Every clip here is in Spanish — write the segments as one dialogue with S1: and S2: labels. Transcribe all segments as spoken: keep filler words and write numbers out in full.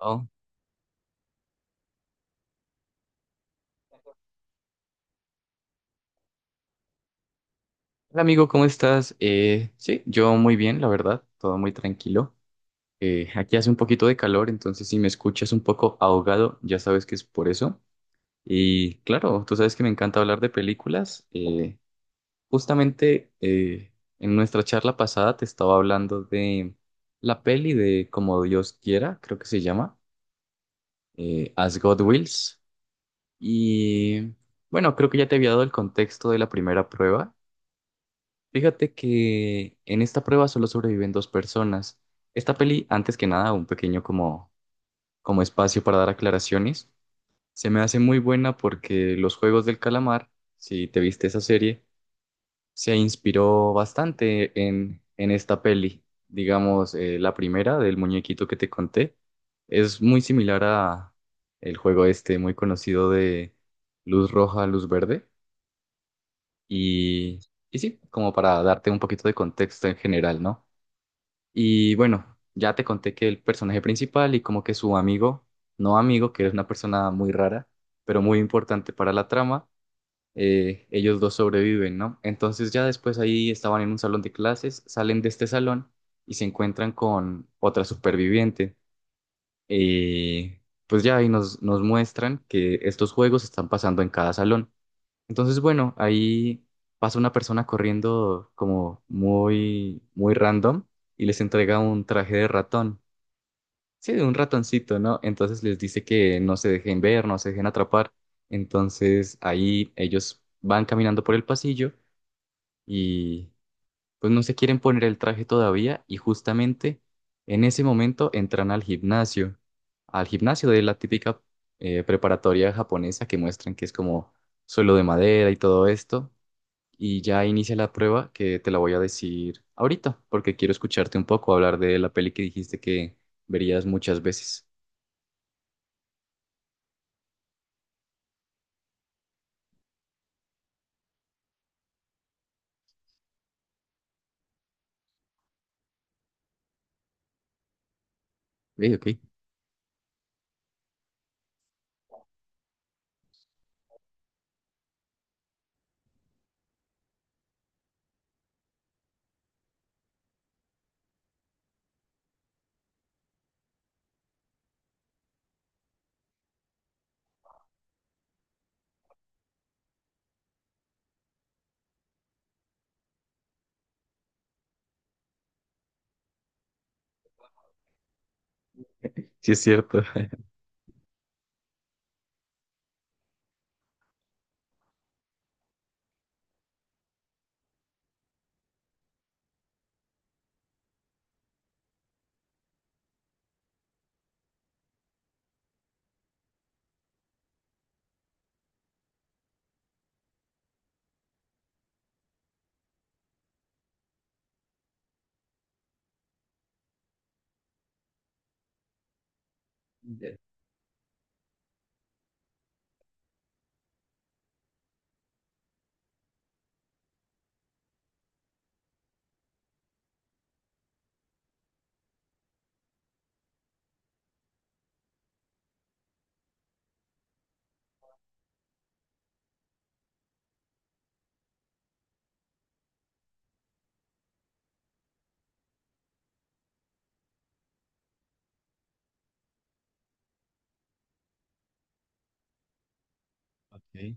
S1: Oh, hola amigo, ¿cómo estás? Eh, sí, yo muy bien, la verdad, todo muy tranquilo. Eh, aquí hace un poquito de calor, entonces si me escuchas un poco ahogado, ya sabes que es por eso. Y claro, tú sabes que me encanta hablar de películas. Eh, justamente eh, en nuestra charla pasada te estaba hablando de la peli de Como Dios quiera, creo que se llama, eh, As God Wills. Y bueno, creo que ya te había dado el contexto de la primera prueba. Fíjate que en esta prueba solo sobreviven dos personas. Esta peli, antes que nada, un pequeño como, como espacio para dar aclaraciones, se me hace muy buena porque Los Juegos del Calamar, si te viste esa serie, se inspiró bastante en, en esta peli. Digamos, eh, la primera del muñequito que te conté es muy similar a el juego este muy conocido de luz roja, luz verde. Y, y sí, como para darte un poquito de contexto en general, ¿no? Y bueno, ya te conté que el personaje principal y como que su amigo, no amigo, que es una persona muy rara, pero muy importante para la trama, eh, ellos dos sobreviven, ¿no? Entonces ya después ahí estaban en un salón de clases, salen de este salón y se encuentran con otra superviviente. Eh, pues ya ahí nos, nos muestran que estos juegos están pasando en cada salón. Entonces, bueno, ahí pasa una persona corriendo como muy, muy random y les entrega un traje de ratón. Sí, de un ratoncito, ¿no? Entonces les dice que no se dejen ver, no se dejen atrapar. Entonces ahí ellos van caminando por el pasillo y pues no se quieren poner el traje todavía y justamente en ese momento entran al gimnasio, al gimnasio de la típica eh, preparatoria japonesa que muestran que es como suelo de madera y todo esto y ya inicia la prueba que te la voy a decir ahorita, porque quiero escucharte un poco hablar de la peli que dijiste que verías muchas veces. Ey, ok, sí es cierto. Ya. Ok.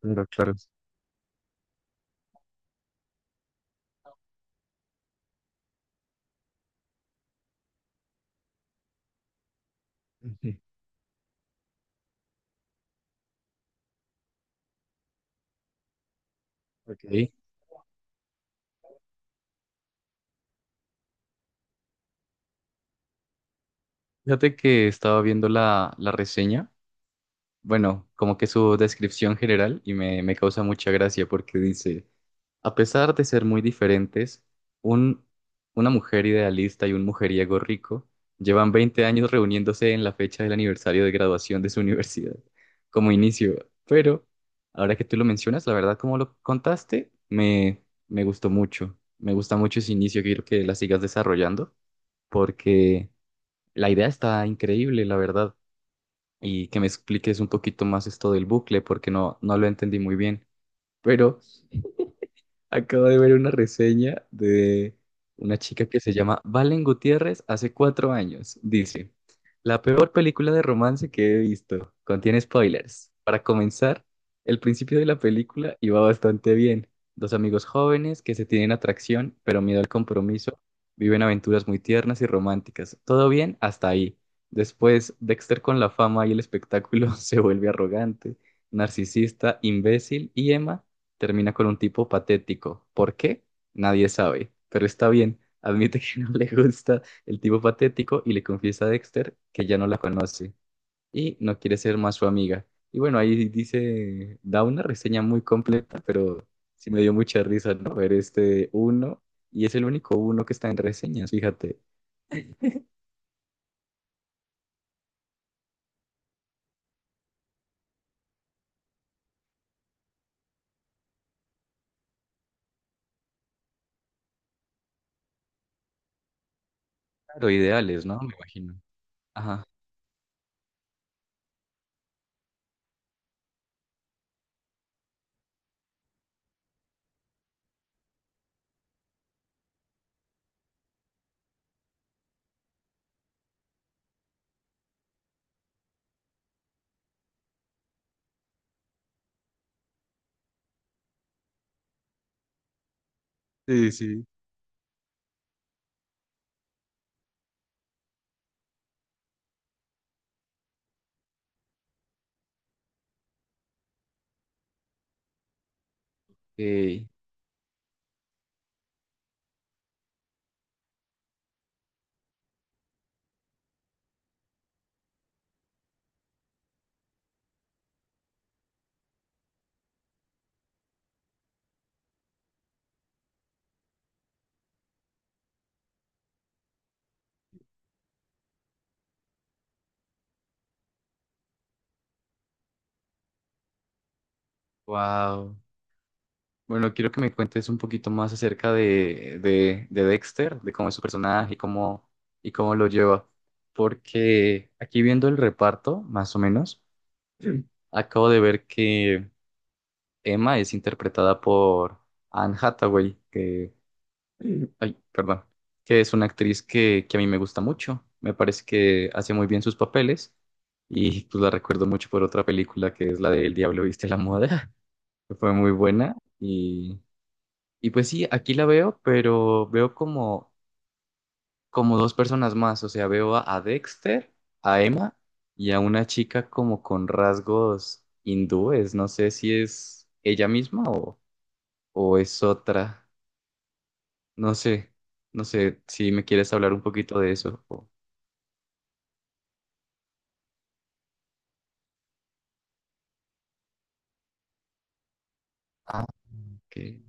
S1: Claro, claro. Ujú. Ok. Ok. Fíjate que estaba viendo la, la reseña, bueno, como que su descripción general y me, me causa mucha gracia porque dice... A pesar de ser muy diferentes, un, una mujer idealista y un mujeriego rico llevan veinte años reuniéndose en la fecha del aniversario de graduación de su universidad, como inicio. Pero ahora que tú lo mencionas, la verdad, como lo contaste, me, me gustó mucho. Me gusta mucho ese inicio, quiero que la sigas desarrollando, porque la idea está increíble, la verdad. Y que me expliques un poquito más esto del bucle, porque no, no lo entendí muy bien. Pero acabo de ver una reseña de una chica que se llama Valen Gutiérrez hace cuatro años. Dice, la peor película de romance que he visto. Contiene spoilers. Para comenzar, el principio de la película iba bastante bien. Dos amigos jóvenes que se tienen atracción, pero miedo al compromiso, viven aventuras muy tiernas y románticas. Todo bien hasta ahí. Después, Dexter con la fama y el espectáculo se vuelve arrogante, narcisista, imbécil y Emma termina con un tipo patético. ¿Por qué? Nadie sabe, pero está bien. Admite que no le gusta el tipo patético y le confiesa a Dexter que ya no la conoce y no quiere ser más su amiga. Y bueno, ahí dice, da una reseña muy completa, pero sí me dio mucha risa, ¿no? Ver este uno, y es el único uno que está en reseñas, fíjate. Claro, ideales, ¿no? Me imagino. Ajá. Sí, sí. Wow. Bueno, quiero que me cuentes un poquito más acerca de, de, de Dexter, de cómo es su personaje y cómo, y cómo lo lleva. Porque aquí viendo el reparto, más o menos, sí, acabo de ver que Emma es interpretada por Anne Hathaway, que, ay, perdón, que es una actriz que, que a mí me gusta mucho. Me parece que hace muy bien sus papeles y pues la recuerdo mucho por otra película que es la de El Diablo viste la moda, que fue muy buena y y pues sí, aquí la veo, pero veo como, como dos personas más. O sea, veo a, a Dexter, a Emma y a una chica como con rasgos hindúes. No sé si es ella misma o, o es otra. No sé, no sé si me quieres hablar un poquito de eso. o- Ah, ok.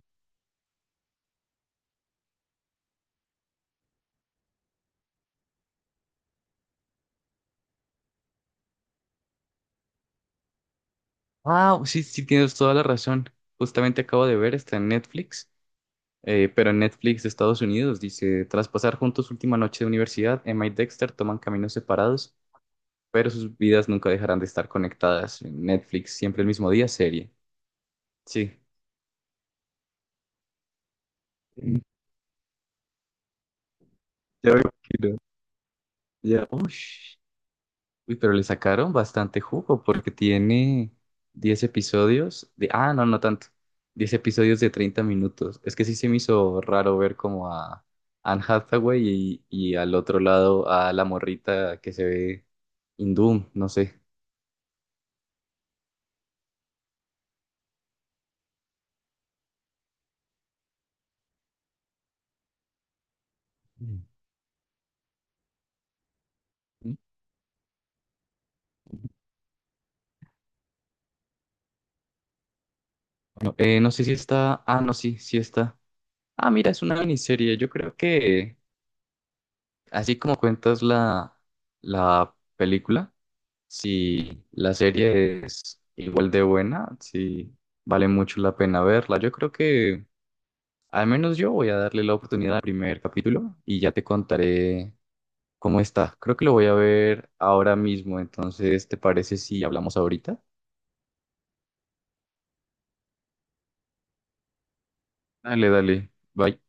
S1: Ah, sí, sí, tienes toda la razón. Justamente acabo de ver, está en Netflix. Eh, pero en Netflix de Estados Unidos dice, tras pasar juntos última noche de universidad, Emma y Dexter toman caminos separados pero sus vidas nunca dejarán de estar conectadas. En Netflix, siempre el mismo día, serie. Sí. Mm, ya me imagino. Ya. Ush. Uy, pero le sacaron bastante jugo porque tiene diez episodios de... Ah, no, no tanto. Diez episodios de treinta minutos. Es que sí se me hizo raro ver como a Anne Hathaway y, y al otro lado a la morrita que se ve hindú, no sé. Mm. No, eh, no sé si está... Ah, no, sí, sí está. Ah, mira, es una miniserie. Yo creo que así como cuentas la, la película, si la serie es igual de buena, si vale mucho la pena verla. Yo creo que al menos yo voy a darle la oportunidad al primer capítulo y ya te contaré cómo está. Creo que lo voy a ver ahora mismo. Entonces, ¿te parece si hablamos ahorita? Dale, dale. Bye.